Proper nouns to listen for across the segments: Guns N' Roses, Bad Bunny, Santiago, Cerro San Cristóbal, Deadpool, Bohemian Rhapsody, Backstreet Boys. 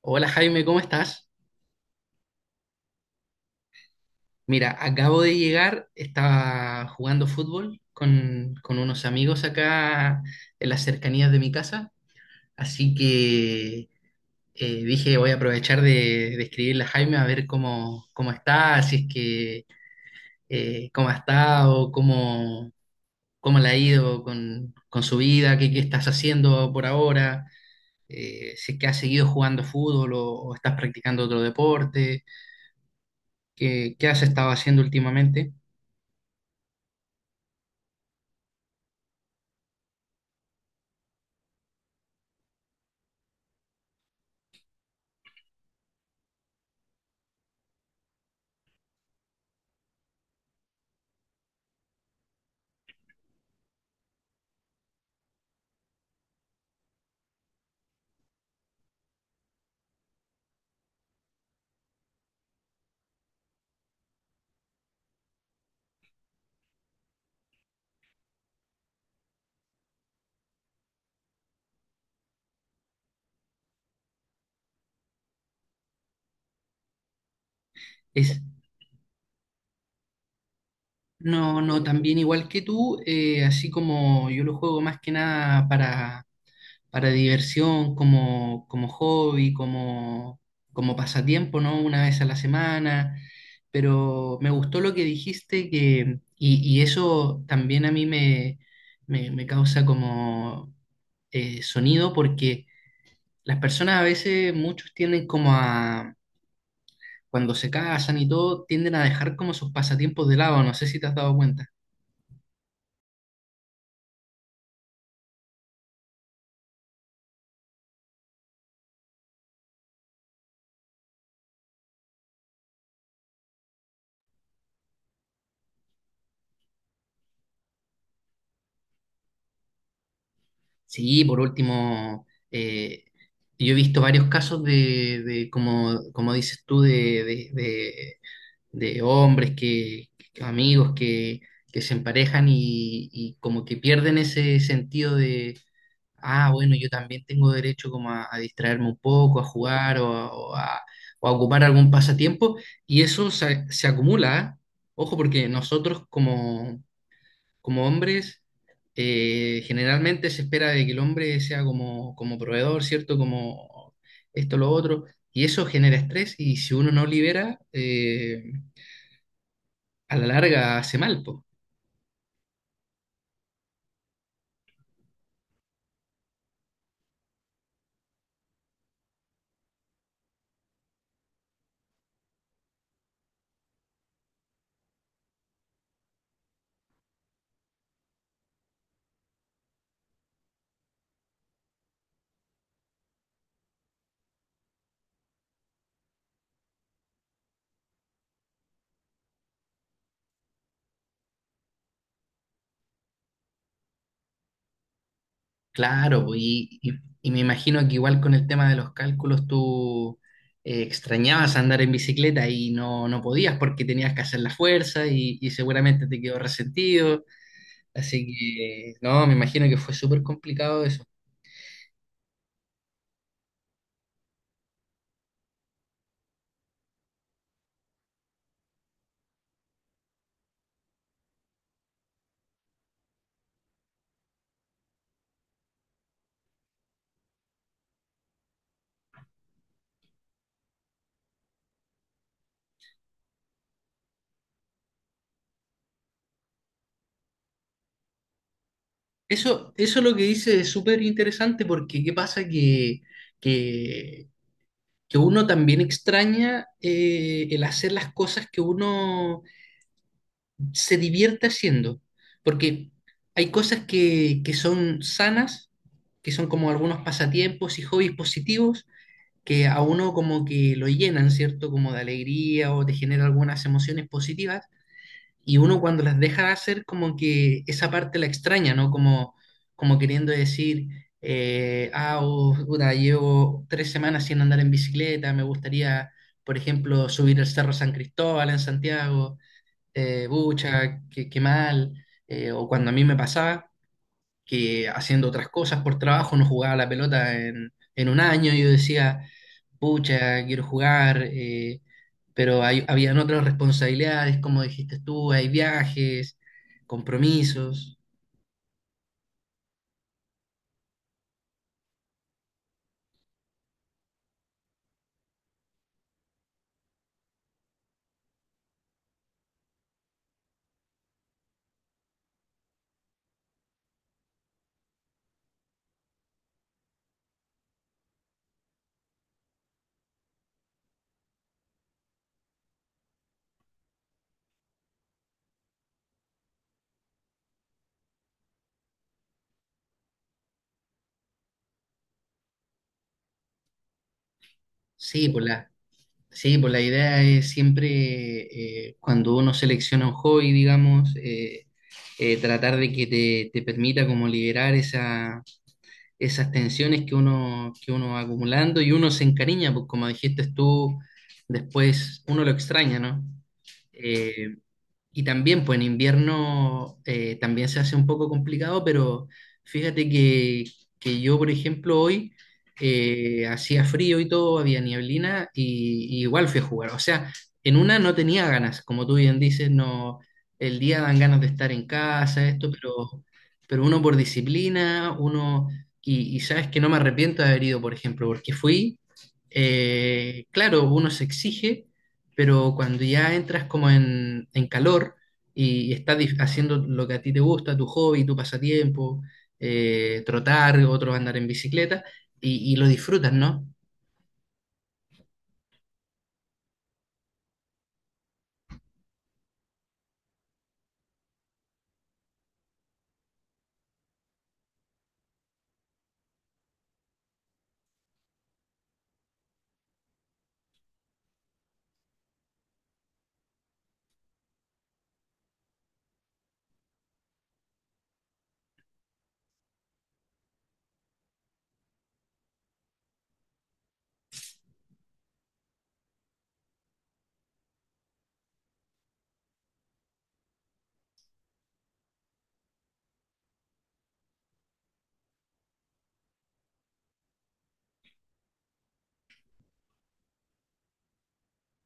Hola Jaime, ¿cómo estás? Mira, acabo de llegar, estaba jugando fútbol con unos amigos acá en las cercanías de mi casa, así que dije voy a aprovechar de escribirle a Jaime a ver cómo está, si es que cómo ha estado, cómo le ha ido con su vida, qué estás haciendo por ahora, si es que has seguido jugando fútbol o estás practicando otro deporte, qué has estado haciendo últimamente. Es, no, no, también igual que tú, así como yo lo juego más que nada para diversión, como hobby, como pasatiempo, ¿no? Una vez a la semana, pero me gustó lo que dijiste que, y eso también a mí me causa como sonido porque las personas a veces, muchos tienden como a, cuando se casan y todo, tienden a dejar como sus pasatiempos de lado, no sé si te has dado cuenta. Sí, por último, yo he visto varios casos como dices tú, de hombres que amigos que se emparejan y como que pierden ese sentido de, ah, bueno, yo también tengo derecho como a distraerme un poco, a jugar o a ocupar algún pasatiempo, y eso se acumula, ¿eh? Ojo, porque nosotros como hombres, generalmente se espera de que el hombre sea como proveedor, ¿cierto? Como esto, lo otro, y eso genera estrés y si uno no libera, a la larga hace mal, pues. Claro, po, y me imagino que igual con el tema de los cálculos tú extrañabas andar en bicicleta y no, no podías porque tenías que hacer la fuerza y seguramente te quedó resentido, así que no, me imagino que fue súper complicado. Eso lo que dice es súper interesante porque qué pasa que, que uno también extraña el hacer las cosas que uno se divierte haciendo, porque hay cosas que son sanas, que son como algunos pasatiempos y hobbies positivos, que a uno como que lo llenan, ¿cierto? Como de alegría o te genera algunas emociones positivas, y uno cuando las deja hacer como que esa parte la extraña, ¿no? Como, como queriendo decir, ah, oh, puta, llevo tres semanas sin andar en bicicleta, me gustaría, por ejemplo, subir el Cerro San Cristóbal en Santiago, bucha, qué mal, o cuando a mí me pasaba que haciendo otras cosas por trabajo no jugaba la pelota en un año. Yo decía, pucha, quiero jugar, pero habían otras responsabilidades, como dijiste tú, hay viajes, compromisos. Sí, pues la, sí, pues la idea es siempre, cuando uno selecciona un hobby, digamos, tratar de que te permita como liberar esas tensiones que uno va acumulando y uno se encariña, pues como dijiste tú, después uno lo extraña, ¿no? Eh, y también, pues en invierno también se hace un poco complicado, pero fíjate que yo, por ejemplo, hoy hacía frío y todo, había nieblina y igual fui a jugar. O sea, en una no tenía ganas, como tú bien dices, no, el día dan ganas de estar en casa, esto, pero uno por disciplina, uno, y sabes que no me arrepiento de haber ido, por ejemplo, porque fui, claro, uno se exige pero cuando ya entras como en calor y, estás haciendo lo que a ti te gusta, tu hobby, tu pasatiempo, trotar, otros andar en bicicleta, y lo disfrutas, ¿no?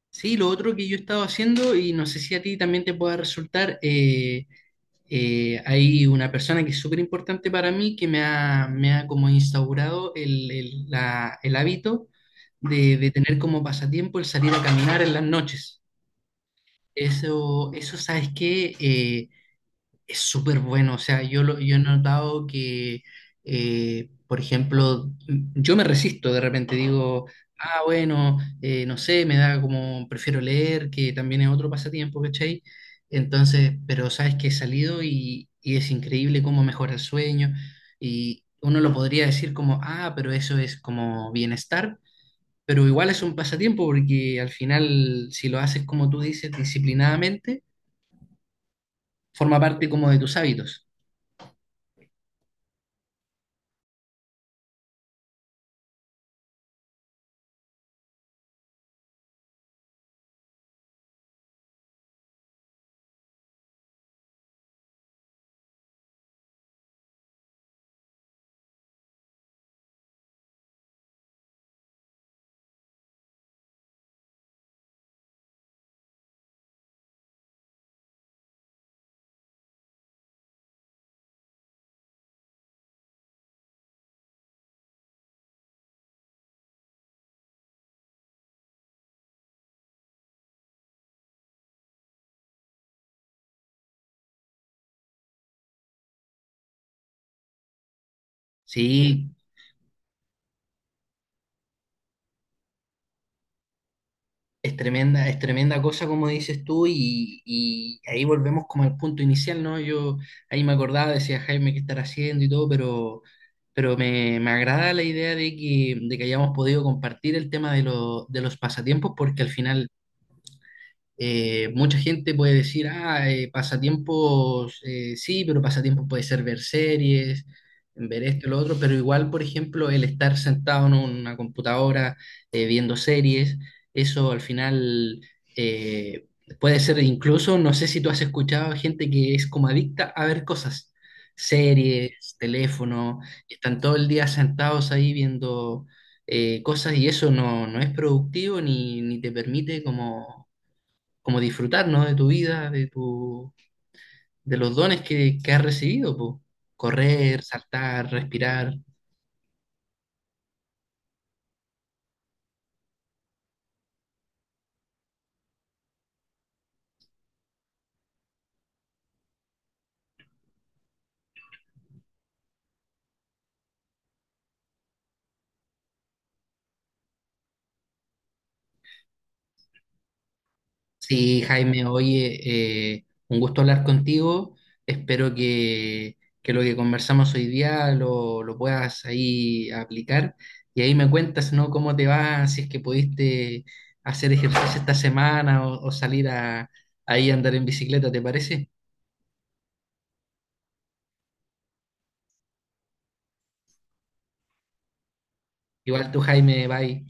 Sí, lo otro que yo he estado haciendo, y no sé si a ti también te pueda resultar, hay una persona que es súper importante para mí que me ha como instaurado el hábito de tener como pasatiempo el salir a caminar en las noches. Eso, ¿sabes qué? Es súper bueno, o sea, yo he notado que, por ejemplo, yo me resisto de repente, digo, ah, bueno, no sé, me da como, prefiero leer, que también es otro pasatiempo, ¿cachai? Entonces, pero sabes que he salido y es increíble cómo mejora el sueño y uno lo podría decir como, ah, pero eso es como bienestar, pero igual es un pasatiempo porque al final, si lo haces como tú dices, disciplinadamente, forma parte como de tus hábitos. Sí, es tremenda cosa como dices tú y ahí volvemos como al punto inicial, ¿no? Yo ahí me acordaba, decía Jaime qué estar haciendo y todo, pero me agrada la idea de de que hayamos podido compartir el tema de los pasatiempos porque al final mucha gente puede decir, ah, pasatiempos, sí, pero pasatiempos puede ser ver series, ver esto y lo otro, pero igual, por ejemplo, el estar sentado en una computadora viendo series, eso al final eh, puede ser incluso, no sé si tú has escuchado gente que es como adicta a ver cosas, series, teléfono, y están todo el día sentados ahí viendo… cosas y eso no, no es productivo ni te permite como disfrutar, ¿no? De tu vida, de tu, de los dones que has recibido, po. Correr, saltar, respirar. Sí, Jaime, oye, un gusto hablar contigo. Espero que lo que conversamos hoy día lo puedas ahí aplicar. Y ahí me cuentas, ¿no? Cómo te va, si es que pudiste hacer ejercicio esta semana o salir ahí a andar en bicicleta, ¿te parece? Igual tú, Jaime, bye.